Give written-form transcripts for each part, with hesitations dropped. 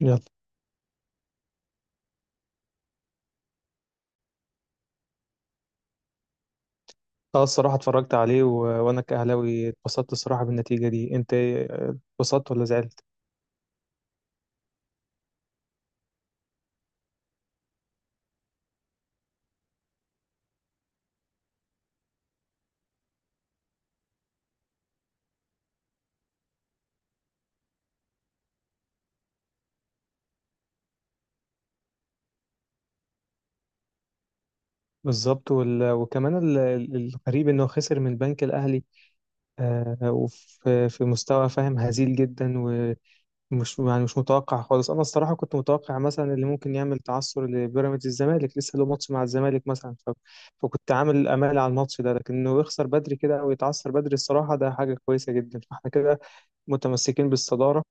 يلا. اه الصراحة اتفرجت عليه وانا كأهلاوي اتبسطت الصراحة بالنتيجة دي، انت اتبسطت ولا زعلت؟ بالظبط، وكمان الغريب انه خسر من البنك الاهلي، وفي في مستوى فاهم، هزيل جدا، ومش يعني مش متوقع خالص. انا الصراحة كنت متوقع مثلا اللي ممكن يعمل تعثر لبيراميدز الزمالك، لسه له ماتش مع الزمالك مثلا، ف... فكنت عامل امال على الماتش ده، لكن انه يخسر بدري كده او يتعثر بدري الصراحة ده حاجة كويسة جدا. فاحنا كده متمسكين بالصدارة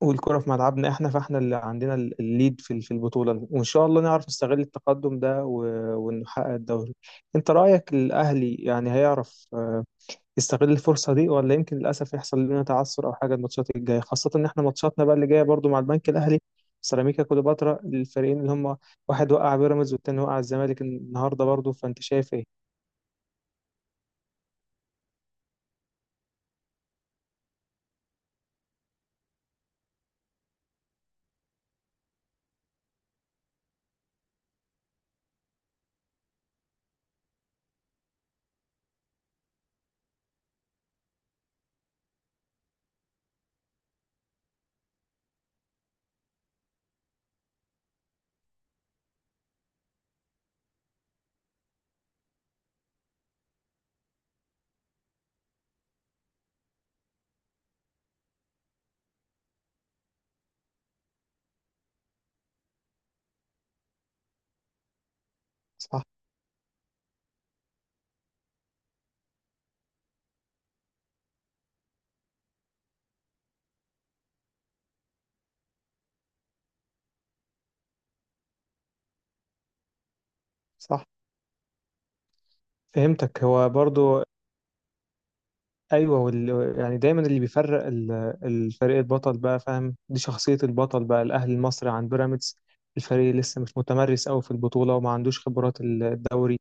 والكرة في ملعبنا احنا، فاحنا اللي عندنا الليد في البطولة، وان شاء الله نعرف نستغل التقدم ده ونحقق الدوري. انت رأيك الاهلي يعني هيعرف يستغل الفرصة دي، ولا يمكن للاسف يحصل لنا تعثر او حاجة الماتشات الجاية، خاصة ان احنا ماتشاتنا بقى اللي جاية برضو مع البنك الاهلي، سيراميكا كليوباترا، الفريقين اللي هم واحد وقع بيراميدز والتاني وقع الزمالك النهاردة برضو، فانت شايف ايه؟ صح. صح. فهمتك. هو برضو ايوه، يعني دايما اللي بيفرق الفريق البطل بقى، فاهم، دي شخصيه البطل بقى، الاهلي المصري عن بيراميدز. الفريق لسه مش متمرس قوي في البطوله وما عندوش خبرات الدوري،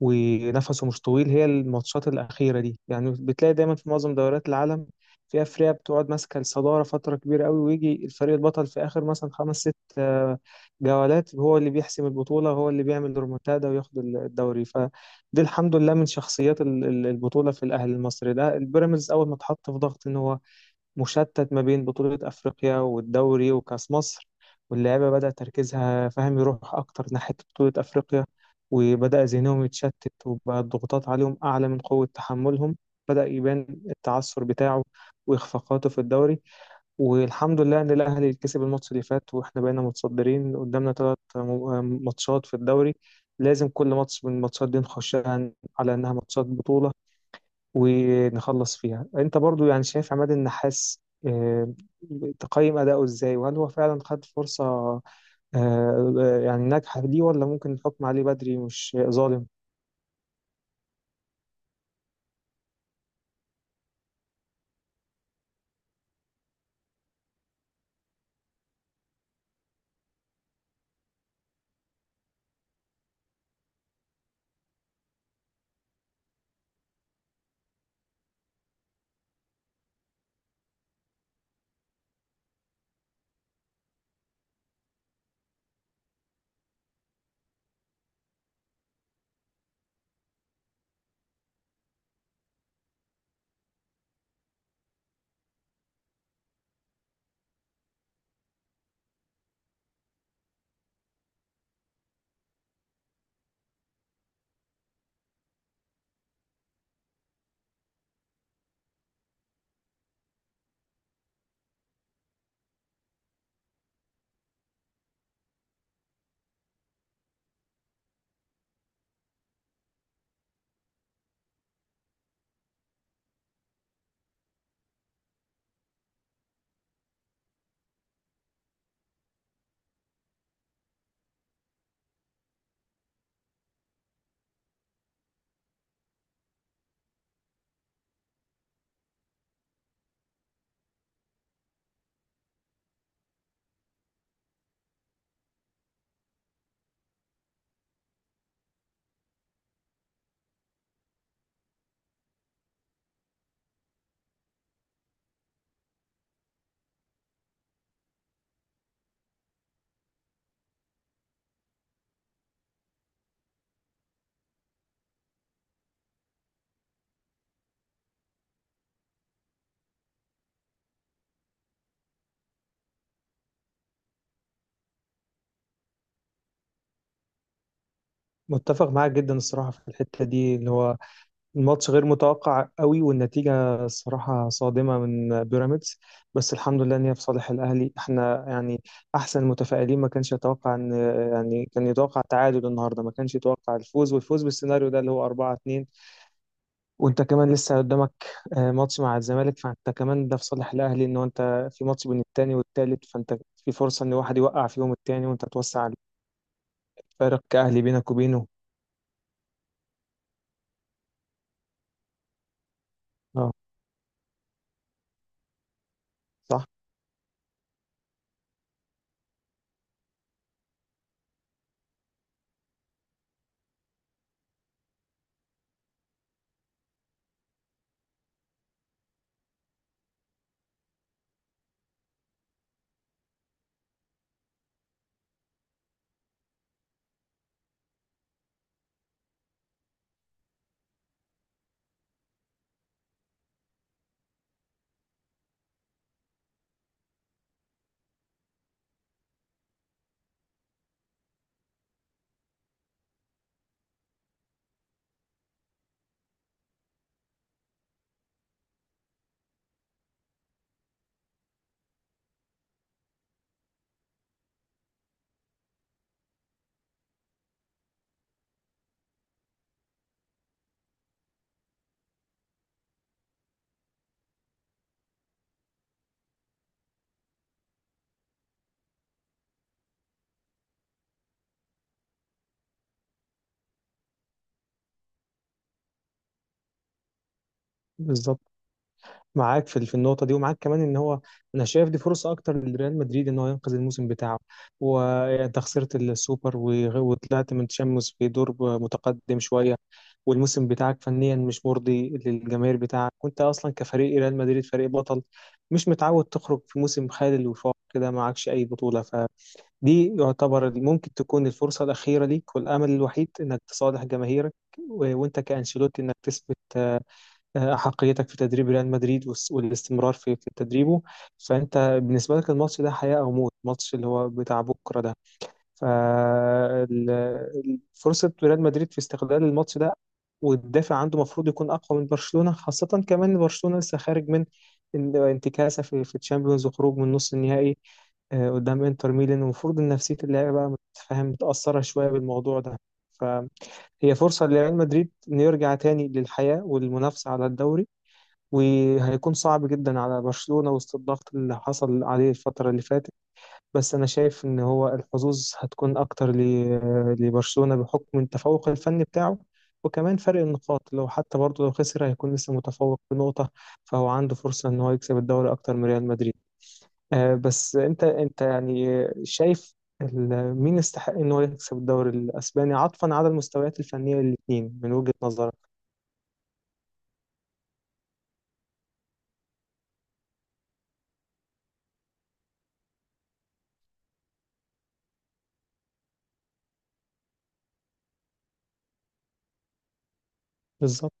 ونفسه مش طويل. هي الماتشات الأخيرة دي يعني بتلاقي دايما في معظم دوريات العالم، في أفريقيا، بتقعد ماسكة الصدارة فترة كبيرة قوي، ويجي الفريق البطل في آخر مثلا خمس ست جولات هو اللي بيحسم البطولة، هو اللي بيعمل ريمونتادا وياخد الدوري. فدي الحمد لله من شخصيات البطولة في الأهلي المصري. ده البيراميدز أول ما اتحط في ضغط إن هو مشتت ما بين بطولة أفريقيا والدوري وكأس مصر، واللعيبة بدأ تركيزها، فاهم، يروح أكتر ناحية بطولة أفريقيا، وبدأ ذهنهم يتشتت، وبقى الضغوطات عليهم أعلى من قوة تحملهم، بدأ يبان التعثر بتاعه وإخفاقاته في الدوري. والحمد لله إن الأهلي كسب الماتش اللي فات وإحنا بقينا متصدرين، قدامنا ثلاث ماتشات في الدوري، لازم كل ماتش من الماتشات دي نخشها على إنها ماتشات بطولة ونخلص فيها. انت برضو يعني شايف عماد النحاس آه، تقيم أداؤه إزاي؟ وهل هو فعلا خد فرصة يعني ناجحة ليه؟ ولا ممكن الحكم عليه بدري مش ظالم؟ متفق معاك جدا الصراحة في الحتة دي، اللي هو الماتش غير متوقع قوي والنتيجة الصراحة صادمة من بيراميدز، بس الحمد لله إن هي في صالح الأهلي. احنا يعني أحسن، متفائلين، ما كانش يتوقع إن يعني كان يتوقع تعادل النهاردة، ما كانش يتوقع الفوز، والفوز بالسيناريو ده اللي هو 4-2. وانت كمان لسه قدامك ماتش مع الزمالك، فانت كمان ده في صالح الاهلي، ان هو انت في ماتش بين التاني والتالت، فانت في فرصه ان واحد يوقع فيهم التاني وانت توسع الفارق كاهلي بينك وبينه. اه. صح. بالظبط، معاك في في النقطة دي، ومعاك كمان ان هو انا شايف دي فرصة اكتر لريال مدريد ان هو ينقذ الموسم بتاعه. وانت خسرت السوبر، وطلعت من تشامبيونز في دور متقدم شوية، والموسم بتاعك فنيا مش مرضي للجماهير بتاعك، وانت اصلا كفريق ريال مدريد فريق بطل مش متعود تخرج في موسم خالي الوفاق كده، معكش اي بطولة. فدي يعتبر ممكن تكون الفرصة الأخيرة ليك والأمل الوحيد انك تصالح جماهيرك، وانت كأنشيلوتي انك تثبت أحقيتك في تدريب ريال مدريد والاستمرار في تدريبه. فأنت بالنسبة لك الماتش ده حياة أو موت، الماتش اللي هو بتاع بكرة ده. ففرصة ريال مدريد في استغلال الماتش ده والدافع عنده المفروض يكون أقوى من برشلونة، خاصة كمان إن برشلونة لسه خارج من انتكاسة في الشامبيونز وخروج من نص النهائي قدام انتر ميلان، المفروض ان نفسية اللاعب بقى، متفهم، متأثرة شوية بالموضوع ده. فهي فرصة لريال مدريد إنه يرجع تاني للحياة والمنافسة على الدوري، وهيكون صعب جدا على برشلونة وسط الضغط اللي حصل عليه الفترة اللي فاتت. بس أنا شايف إن هو الحظوظ هتكون أكتر لبرشلونة بحكم التفوق الفني بتاعه، وكمان فرق النقاط لو حتى برضه لو خسر هيكون لسه متفوق بنقطة، فهو عنده فرصة إن هو يكسب الدوري أكتر من ريال مدريد. بس أنت يعني شايف مين يستحق إن هو يكسب الدوري الأسباني عطفا على المستويات الفنية الاتنين من وجهة نظرك؟ بالظبط.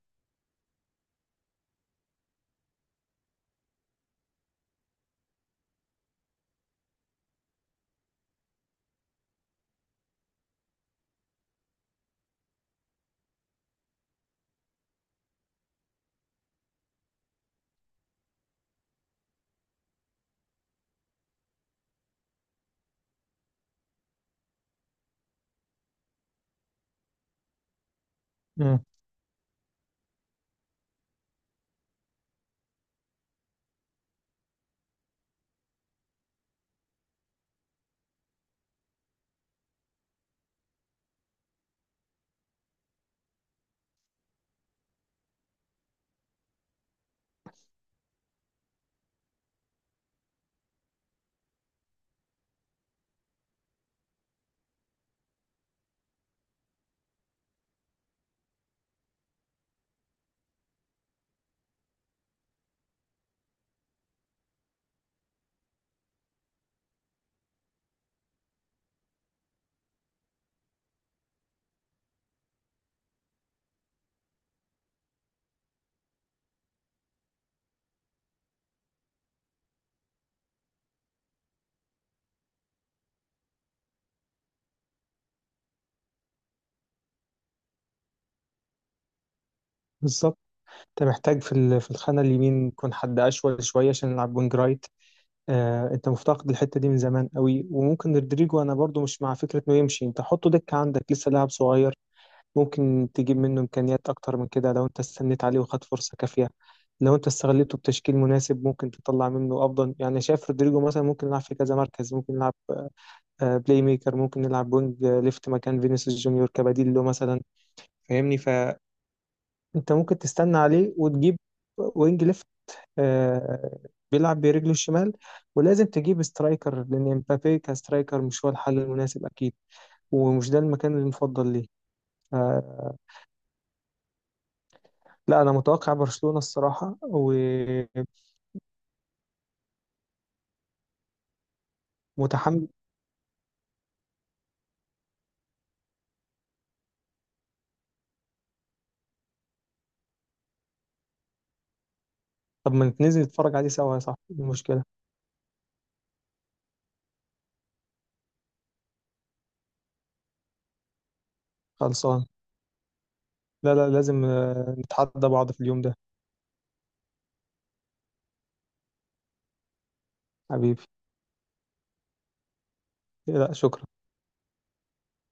مم. بالظبط. انت محتاج في في الخانه اليمين يكون حد اشول شويه عشان يلعب وينج رايت. آه انت مفتقد الحته دي من زمان قوي، وممكن رودريجو انا برضو مش مع فكره انه يمشي، انت حطه دكه، عندك لسه لاعب صغير، ممكن تجيب منه امكانيات اكتر من كده لو انت استنيت عليه وخد فرصه كافيه. لو انت استغلته بتشكيل مناسب ممكن تطلع منه افضل، يعني شايف رودريجو مثلا ممكن يلعب في كذا مركز، ممكن يلعب بلاي ميكر، ممكن نلعب وينج ليفت مكان فينيسيوس جونيور كبديل له مثلا، فاهمني، فانت ممكن تستنى عليه وتجيب وينج ليفت آه، بيلعب برجله الشمال. ولازم تجيب سترايكر لأن امبابي كسترايكر مش هو الحل المناسب أكيد، ومش ده المكان المفضل ليه. آه، لا أنا متوقع برشلونة الصراحة. ومتحمل. طب ما ننزل نتفرج عليه سوا يا صاحبي، إيه المشكلة؟ خلصان. لا لا، لازم نتحدى بعض في اليوم ده. حبيبي. لا شكرا.